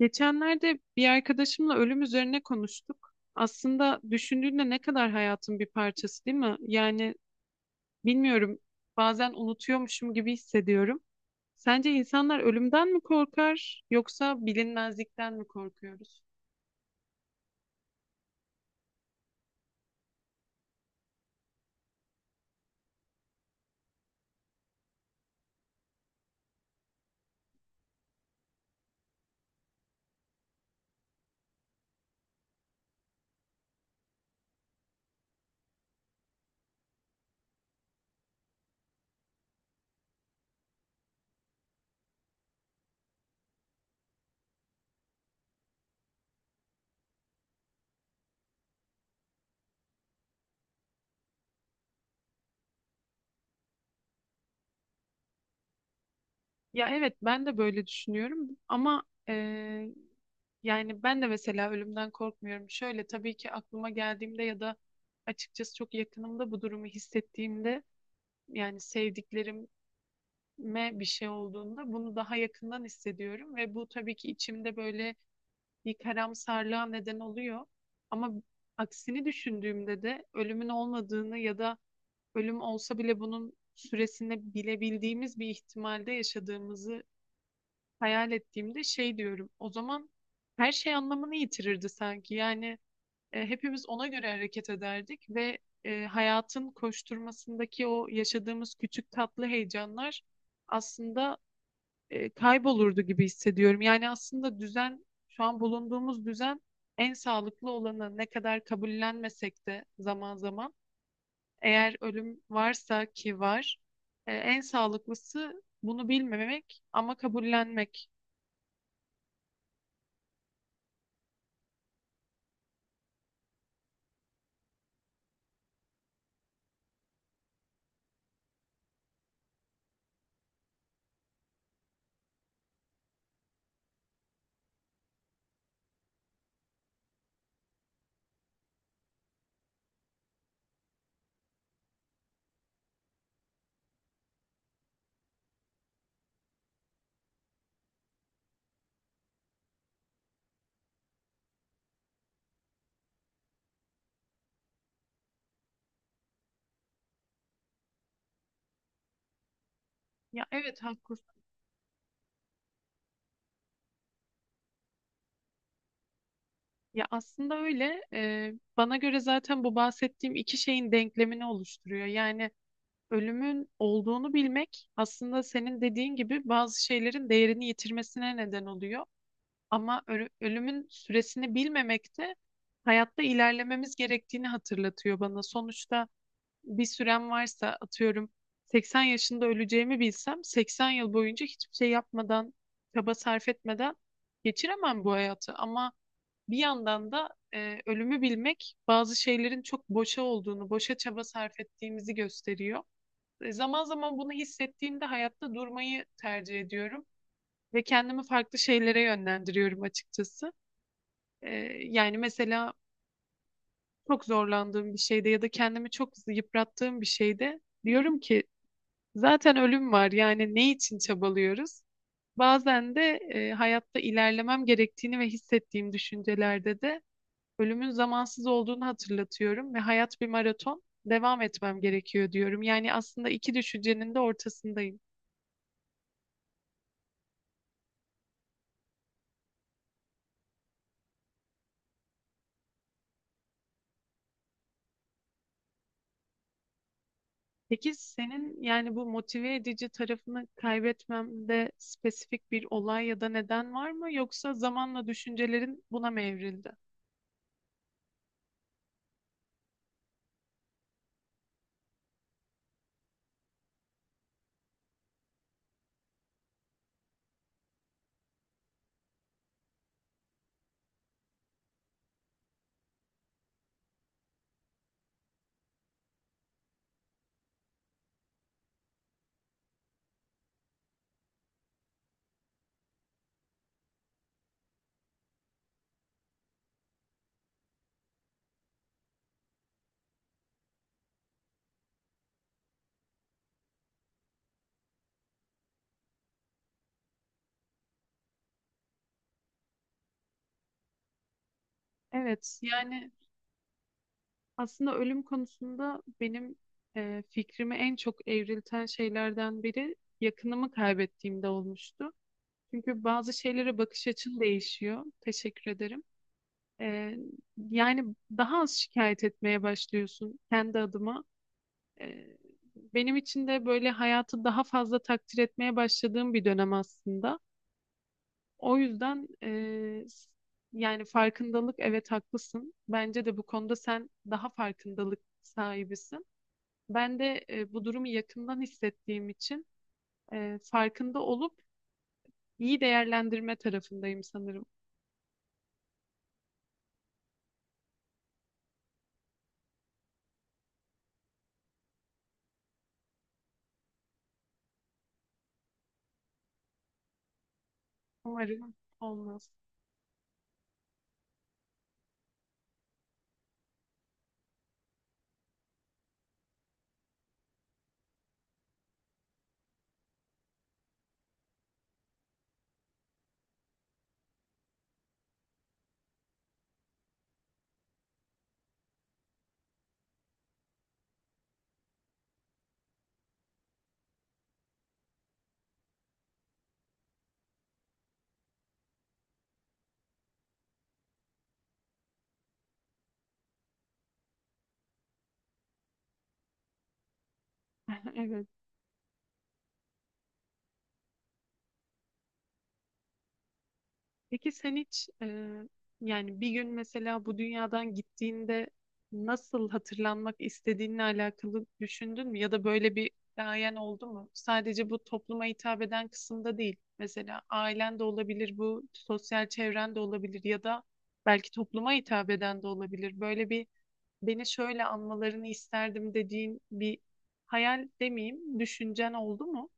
Geçenlerde bir arkadaşımla ölüm üzerine konuştuk. Aslında düşündüğünde ne kadar hayatın bir parçası, değil mi? Yani bilmiyorum, bazen unutuyormuşum gibi hissediyorum. Sence insanlar ölümden mi korkar yoksa bilinmezlikten mi korkuyoruz? Ya evet, ben de böyle düşünüyorum ama eee, yani ben de mesela ölümden korkmuyorum. Şöyle tabii ki aklıma geldiğimde ya da açıkçası çok yakınımda bu durumu hissettiğimde yani sevdiklerim me bir şey olduğunda bunu daha yakından hissediyorum ve bu tabii ki içimde böyle bir karamsarlığa neden oluyor. Ama aksini düşündüğümde de ölümün olmadığını ya da ölüm olsa bile bunun süresini bilebildiğimiz bir ihtimalde yaşadığımızı hayal ettiğimde şey diyorum. O zaman her şey anlamını yitirirdi sanki. Yani hepimiz ona göre hareket ederdik ve hayatın koşturmasındaki o yaşadığımız küçük tatlı heyecanlar aslında kaybolurdu gibi hissediyorum. Yani aslında düzen, şu an bulunduğumuz düzen en sağlıklı olanı ne kadar kabullenmesek de zaman zaman eğer ölüm varsa ki var, en sağlıklısı bunu bilmemek ama kabullenmek. Ya evet haklısın. Ya aslında öyle. Bana göre zaten bu bahsettiğim iki şeyin denklemini oluşturuyor. Yani ölümün olduğunu bilmek aslında senin dediğin gibi bazı şeylerin değerini yitirmesine neden oluyor. Ama ölümün süresini bilmemek de hayatta ilerlememiz gerektiğini hatırlatıyor bana. Sonuçta bir sürem varsa atıyorum 80 yaşında öleceğimi bilsem 80 yıl boyunca hiçbir şey yapmadan, çaba sarf etmeden geçiremem bu hayatı. Ama bir yandan da ölümü bilmek bazı şeylerin çok boşa olduğunu, boşa çaba sarf ettiğimizi gösteriyor. Zaman zaman bunu hissettiğimde hayatta durmayı tercih ediyorum ve kendimi farklı şeylere yönlendiriyorum açıkçası. Ee, Yani mesela çok zorlandığım bir şeyde ya da kendimi çok yıprattığım bir şeyde diyorum ki zaten ölüm var yani ne için çabalıyoruz? Bazen de hayatta ilerlemem gerektiğini ve hissettiğim düşüncelerde de ölümün zamansız olduğunu hatırlatıyorum ve hayat bir maraton devam etmem gerekiyor diyorum. Yani aslında iki düşüncenin de ortasındayım. Peki senin yani bu motive edici tarafını kaybetmemde spesifik bir olay ya da neden var mı? Yoksa zamanla düşüncelerin buna mı evrildi? Evet, yani aslında ölüm konusunda benim fikrimi en çok evrilten şeylerden biri yakınımı kaybettiğimde olmuştu. Çünkü bazı şeylere bakış açın değişiyor. Teşekkür ederim. E, Yani daha az şikayet etmeye başlıyorsun kendi adıma. Ee, Benim için de böyle hayatı daha fazla takdir etmeye başladığım bir dönem aslında. O yüzden yani farkındalık evet haklısın. Bence de bu konuda sen daha farkındalık sahibisin. Ben de bu durumu yakından hissettiğim için farkında olup iyi değerlendirme tarafındayım sanırım. Umarım olmaz. Evet. Peki sen hiç yani bir gün mesela bu dünyadan gittiğinde nasıl hatırlanmak istediğinle alakalı düşündün mü? Ya da böyle bir gayen oldu mu? Sadece bu topluma hitap eden kısımda değil. Mesela ailen de olabilir, bu sosyal çevren de olabilir ya da belki topluma hitap eden de olabilir. Böyle bir beni şöyle anmalarını isterdim dediğin bir hayal demeyeyim, düşüncen oldu mu?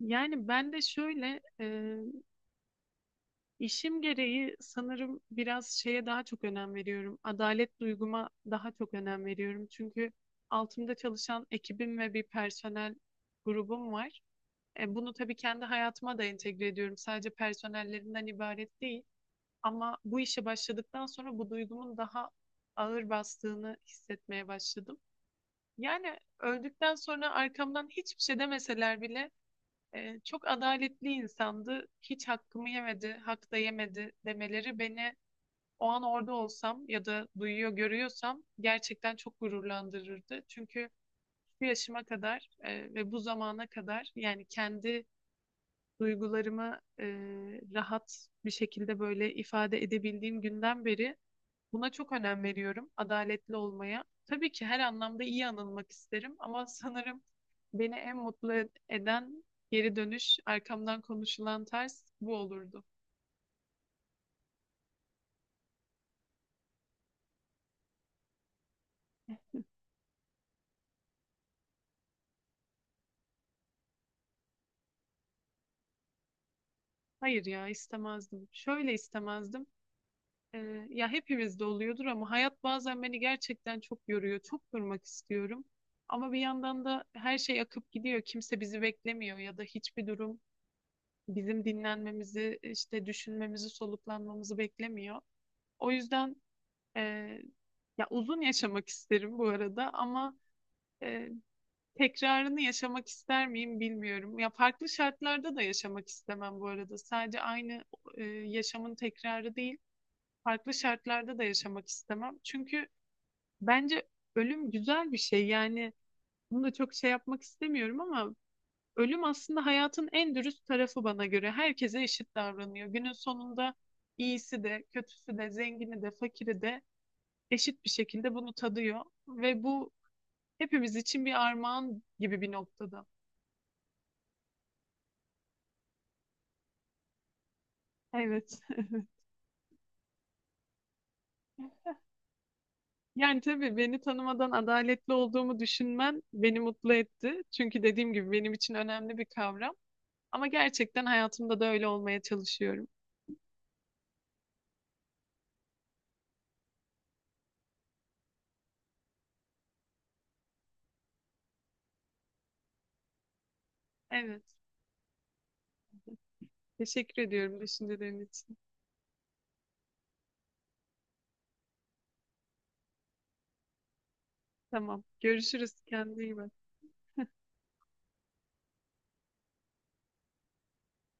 Yani ben de şöyle, İşim gereği sanırım biraz şeye daha çok önem veriyorum. Adalet duyguma daha çok önem veriyorum. Çünkü altımda çalışan ekibim ve bir personel grubum var. Bunu tabii kendi hayatıma da entegre ediyorum. Sadece personellerinden ibaret değil. Ama bu işe başladıktan sonra bu duygumun daha ağır bastığını hissetmeye başladım. Yani öldükten sonra arkamdan hiçbir şey demeseler bile çok adaletli insandı. Hiç hakkımı yemedi, hak da yemedi demeleri beni o an orada olsam ya da duyuyor görüyorsam gerçekten çok gururlandırırdı. Çünkü bu yaşıma kadar ve bu zamana kadar yani kendi duygularımı rahat bir şekilde böyle ifade edebildiğim günden beri buna çok önem veriyorum, adaletli olmaya. Tabii ki her anlamda iyi anılmak isterim ama sanırım beni en mutlu eden geri dönüş, arkamdan konuşulan ters bu olurdu. Hayır ya istemezdim. Şöyle istemezdim. Ya hepimizde oluyordur ama hayat bazen beni gerçekten çok yoruyor. Çok durmak istiyorum. Ama bir yandan da her şey akıp gidiyor. Kimse bizi beklemiyor ya da hiçbir durum bizim dinlenmemizi, işte düşünmemizi, soluklanmamızı beklemiyor. O yüzden Ee, ya uzun yaşamak isterim bu arada ama e, tekrarını yaşamak ister miyim bilmiyorum. Ya farklı şartlarda da yaşamak istemem bu arada. Sadece aynı yaşamın tekrarı değil, farklı şartlarda da yaşamak istemem. Çünkü bence ölüm güzel bir şey. Yani bunu da çok şey yapmak istemiyorum ama ölüm aslında hayatın en dürüst tarafı bana göre. Herkese eşit davranıyor. Günün sonunda iyisi de, kötüsü de, zengini de, fakiri de eşit bir şekilde bunu tadıyor ve bu hepimiz için bir armağan gibi bir noktada. Evet. Yani tabii beni tanımadan adaletli olduğumu düşünmen beni mutlu etti. Çünkü dediğim gibi benim için önemli bir kavram. Ama gerçekten hayatımda da öyle olmaya çalışıyorum. Evet. Teşekkür ediyorum düşüncelerin için. Tamam. Görüşürüz. Kendine iyi bak.